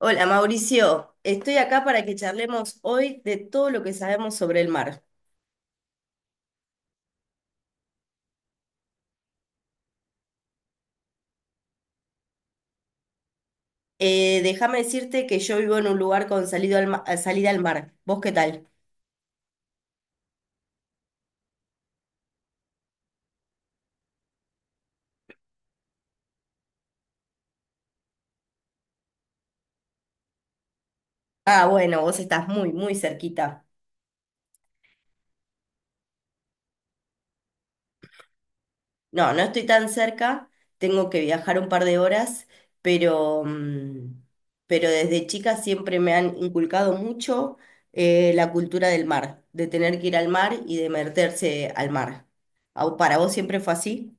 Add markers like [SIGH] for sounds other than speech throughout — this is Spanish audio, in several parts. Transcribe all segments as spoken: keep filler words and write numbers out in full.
Hola Mauricio, estoy acá para que charlemos hoy de todo lo que sabemos sobre el mar. Eh, déjame decirte que yo vivo en un lugar con salido al ma- eh, salida al mar. ¿Vos qué tal? Ah, bueno, vos estás muy, muy cerquita. No, no estoy tan cerca, tengo que viajar un par de horas, pero, mm, pero desde chica siempre me han inculcado mucho eh, la cultura del mar, de tener que ir al mar y de meterse al mar. Au, ¿Para vos siempre fue así?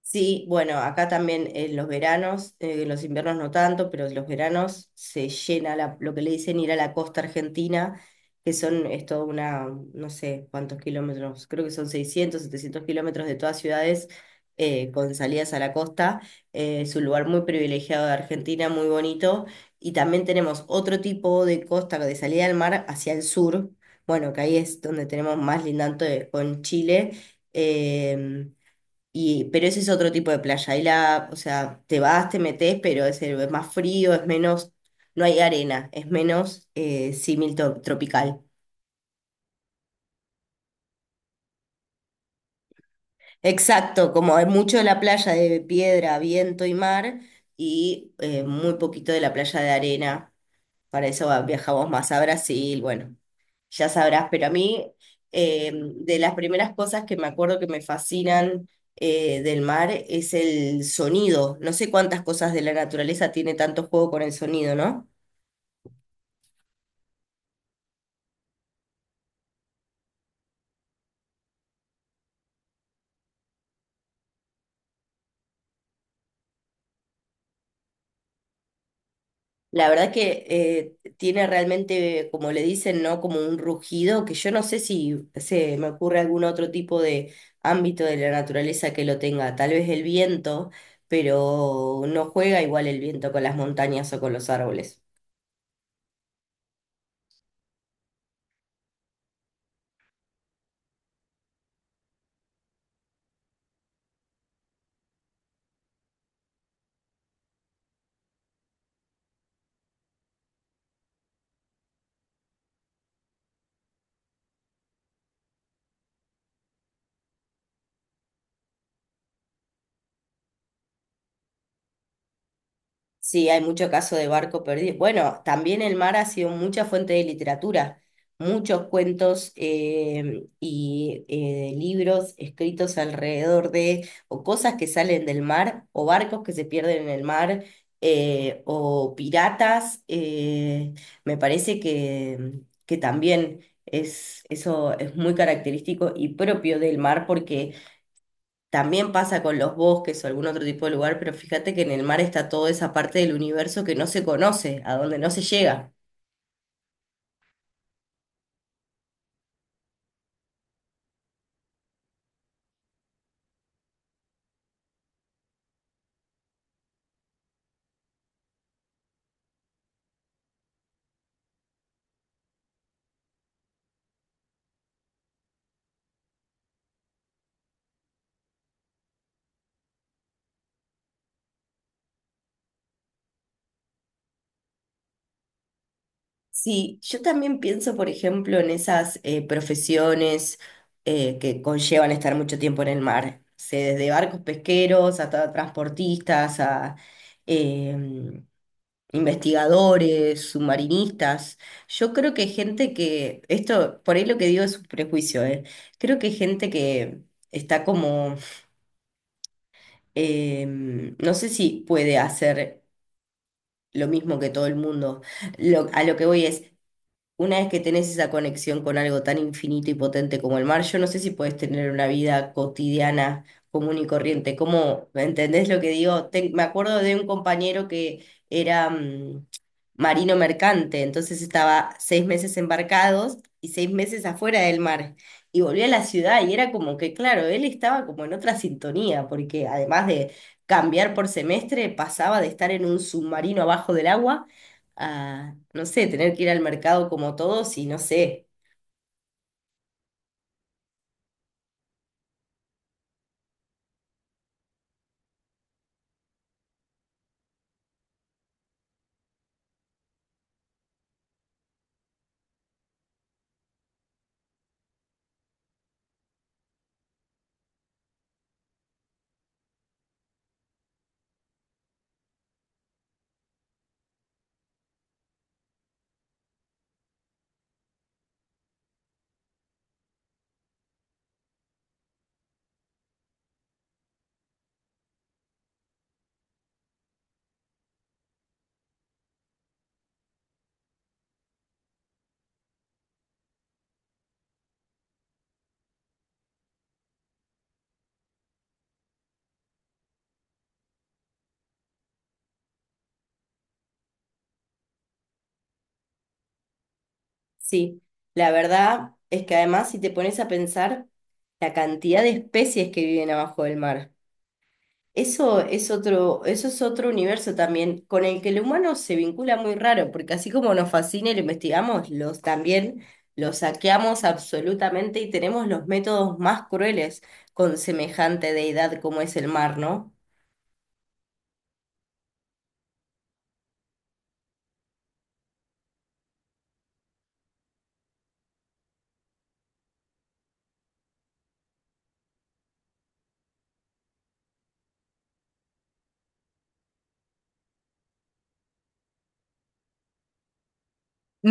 Sí, bueno, acá también en los veranos, eh, los inviernos no tanto, pero en los veranos se llena la- lo que le dicen ir a la costa argentina, que son, es toda una, no sé cuántos kilómetros, creo que son seiscientos, setecientos kilómetros de todas ciudades eh, con salidas a la costa. Eh, es un lugar muy privilegiado de Argentina, muy bonito. Y también tenemos otro tipo de costa de salida al mar hacia el sur. Bueno, que ahí es donde tenemos más lindante con Chile. em, y, pero ese es otro tipo de playa. Ahí la, o sea, te vas, te metes, pero es, el- es más frío, es menos, no hay arena, es menos eh, símil to- tropical. Exacto, como hay mucho de la playa de piedra, viento y mar, y eh, muy poquito de la playa de arena. Para eso va- viajamos más a Brasil, bueno, ya sabrás, pero a mí eh, de las primeras cosas que me acuerdo que me fascinan eh, del mar es el sonido. No sé cuántas cosas de la naturaleza tiene tanto juego con el sonido, ¿no? La verdad que eh, tiene realmente, como le dicen, ¿no? Como un rugido que yo no sé si se me ocurre algún otro tipo de ámbito de la naturaleza que lo tenga. Tal vez el viento, pero no juega igual el viento con las montañas o con los árboles. Sí, hay mucho caso de barco perdido. Bueno, también el mar ha sido mucha fuente de literatura, muchos cuentos eh, y eh, libros escritos alrededor de o cosas que salen del mar o barcos que se pierden en el mar eh, o piratas. Eh, me parece que, que también es, eso es muy característico y propio del mar porque también pasa con los bosques o algún otro tipo de lugar, pero fíjate que en el mar está toda esa parte del universo que no se conoce, a donde no se llega. Sí, yo también pienso, por ejemplo, en esas eh, profesiones eh, que conllevan estar mucho tiempo en el mar. No sé, desde barcos pesqueros hasta transportistas, a em, investigadores, submarinistas. Yo creo que gente que, esto por ahí lo que digo es un prejuicio, eh. Creo que gente que está como em, no sé si puede hacer lo mismo que todo el mundo. Lo- a lo que voy es, una vez que tenés esa conexión con algo tan infinito y potente como el mar, yo no sé si puedes tener una vida cotidiana común y corriente. ¿Cómo, entendés lo que digo? Te- me acuerdo de un compañero que era mm, marino mercante, entonces estaba seis meses embarcados y seis meses afuera del mar. Y volvió a la ciudad y era como que, claro, él estaba como en otra sintonía, porque además de cambiar por semestre, pasaba de estar en un submarino abajo del agua a, no sé, tener que ir al mercado como todos y no sé, sí. La verdad es que además si te pones a pensar la cantidad de especies que viven abajo del mar, eso es otro, eso es otro universo también con el que el humano se vincula muy raro, porque así como nos fascina y lo investigamos, los también los saqueamos absolutamente y tenemos los métodos más crueles con semejante deidad como es el mar, ¿no?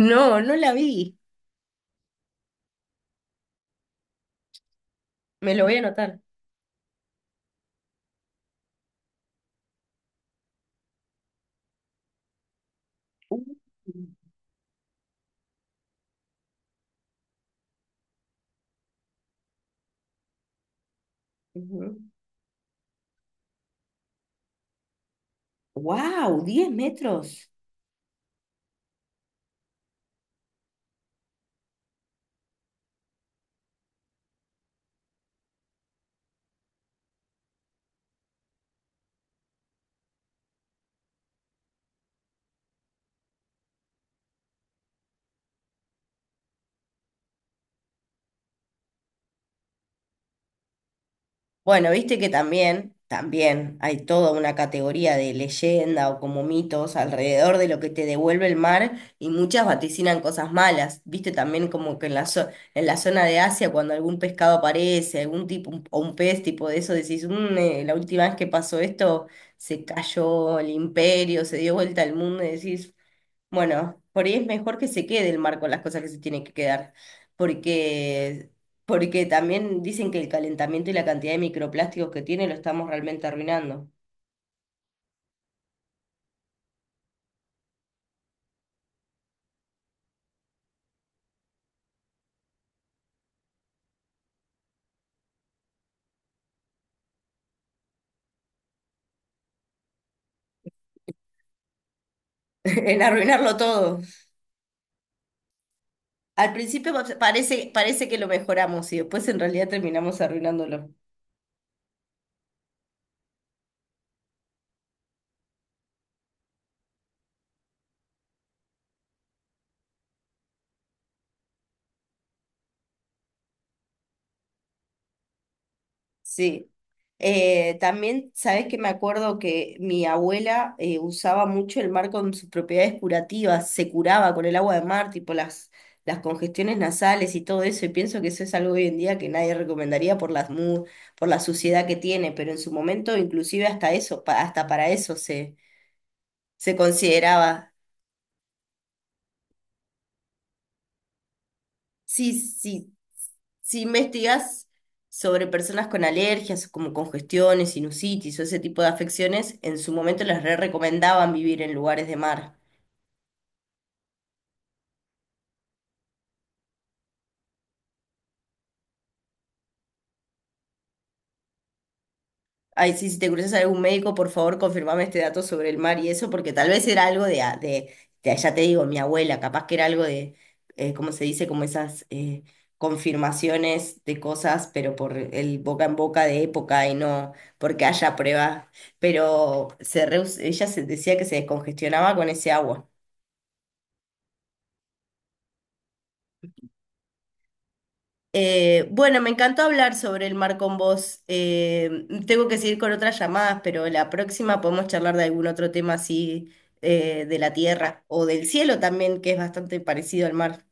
No, no la vi. Me lo voy a anotar. Uh, Ujú. ¡Wow! ¿Diez metros? Bueno, viste que también, también hay toda una categoría de leyenda o como mitos alrededor de lo que te devuelve el mar y muchas vaticinan cosas malas. Viste también como que en la, zo- en la zona de Asia cuando algún pescado aparece, algún tipo un- o un pez tipo de eso, decís, "Mm, eh, la última vez que pasó esto se cayó el imperio, se dio vuelta al mundo y decís... Bueno, por ahí es mejor que se quede el marco, las cosas que se tienen que quedar, porque, porque también dicen que el calentamiento y la cantidad de microplásticos que tiene lo estamos realmente arruinando, [LAUGHS] en arruinarlo todo. Al principio pa- parece, parece que lo mejoramos y después en realidad terminamos arruinándolo. Sí. Eh, también, sabes que me acuerdo que mi abuela eh, usaba mucho el mar con sus propiedades curativas, se curaba con el agua de mar, tipo las, las congestiones nasales y todo eso, y pienso que eso es algo hoy en día que nadie recomendaría por las mu- por la suciedad que tiene, pero en su momento inclusive hasta eso, pa- hasta para eso se, se consideraba. Sí, sí, si investigas sobre personas con alergias, como congestiones, sinusitis o ese tipo de afecciones, en su momento les re recomendaban vivir en lugares de mar. Ay, sí, si te cruzas a algún médico, por favor, confirmame este dato sobre el mar y eso, porque tal vez era algo de, a- de, de- ya te digo, mi abuela, capaz que era algo de, eh, ¿cómo se dice? Como esas eh, confirmaciones de cosas, pero por el boca en boca de época y no porque haya pruebas. Pero se reus- ella se decía que se descongestionaba con ese agua. Eh, bueno, me encantó hablar sobre el mar con vos. Eh, tengo que seguir con otras llamadas, pero la próxima podemos charlar de algún otro tema así eh, de la tierra o del cielo también, que es bastante parecido al mar.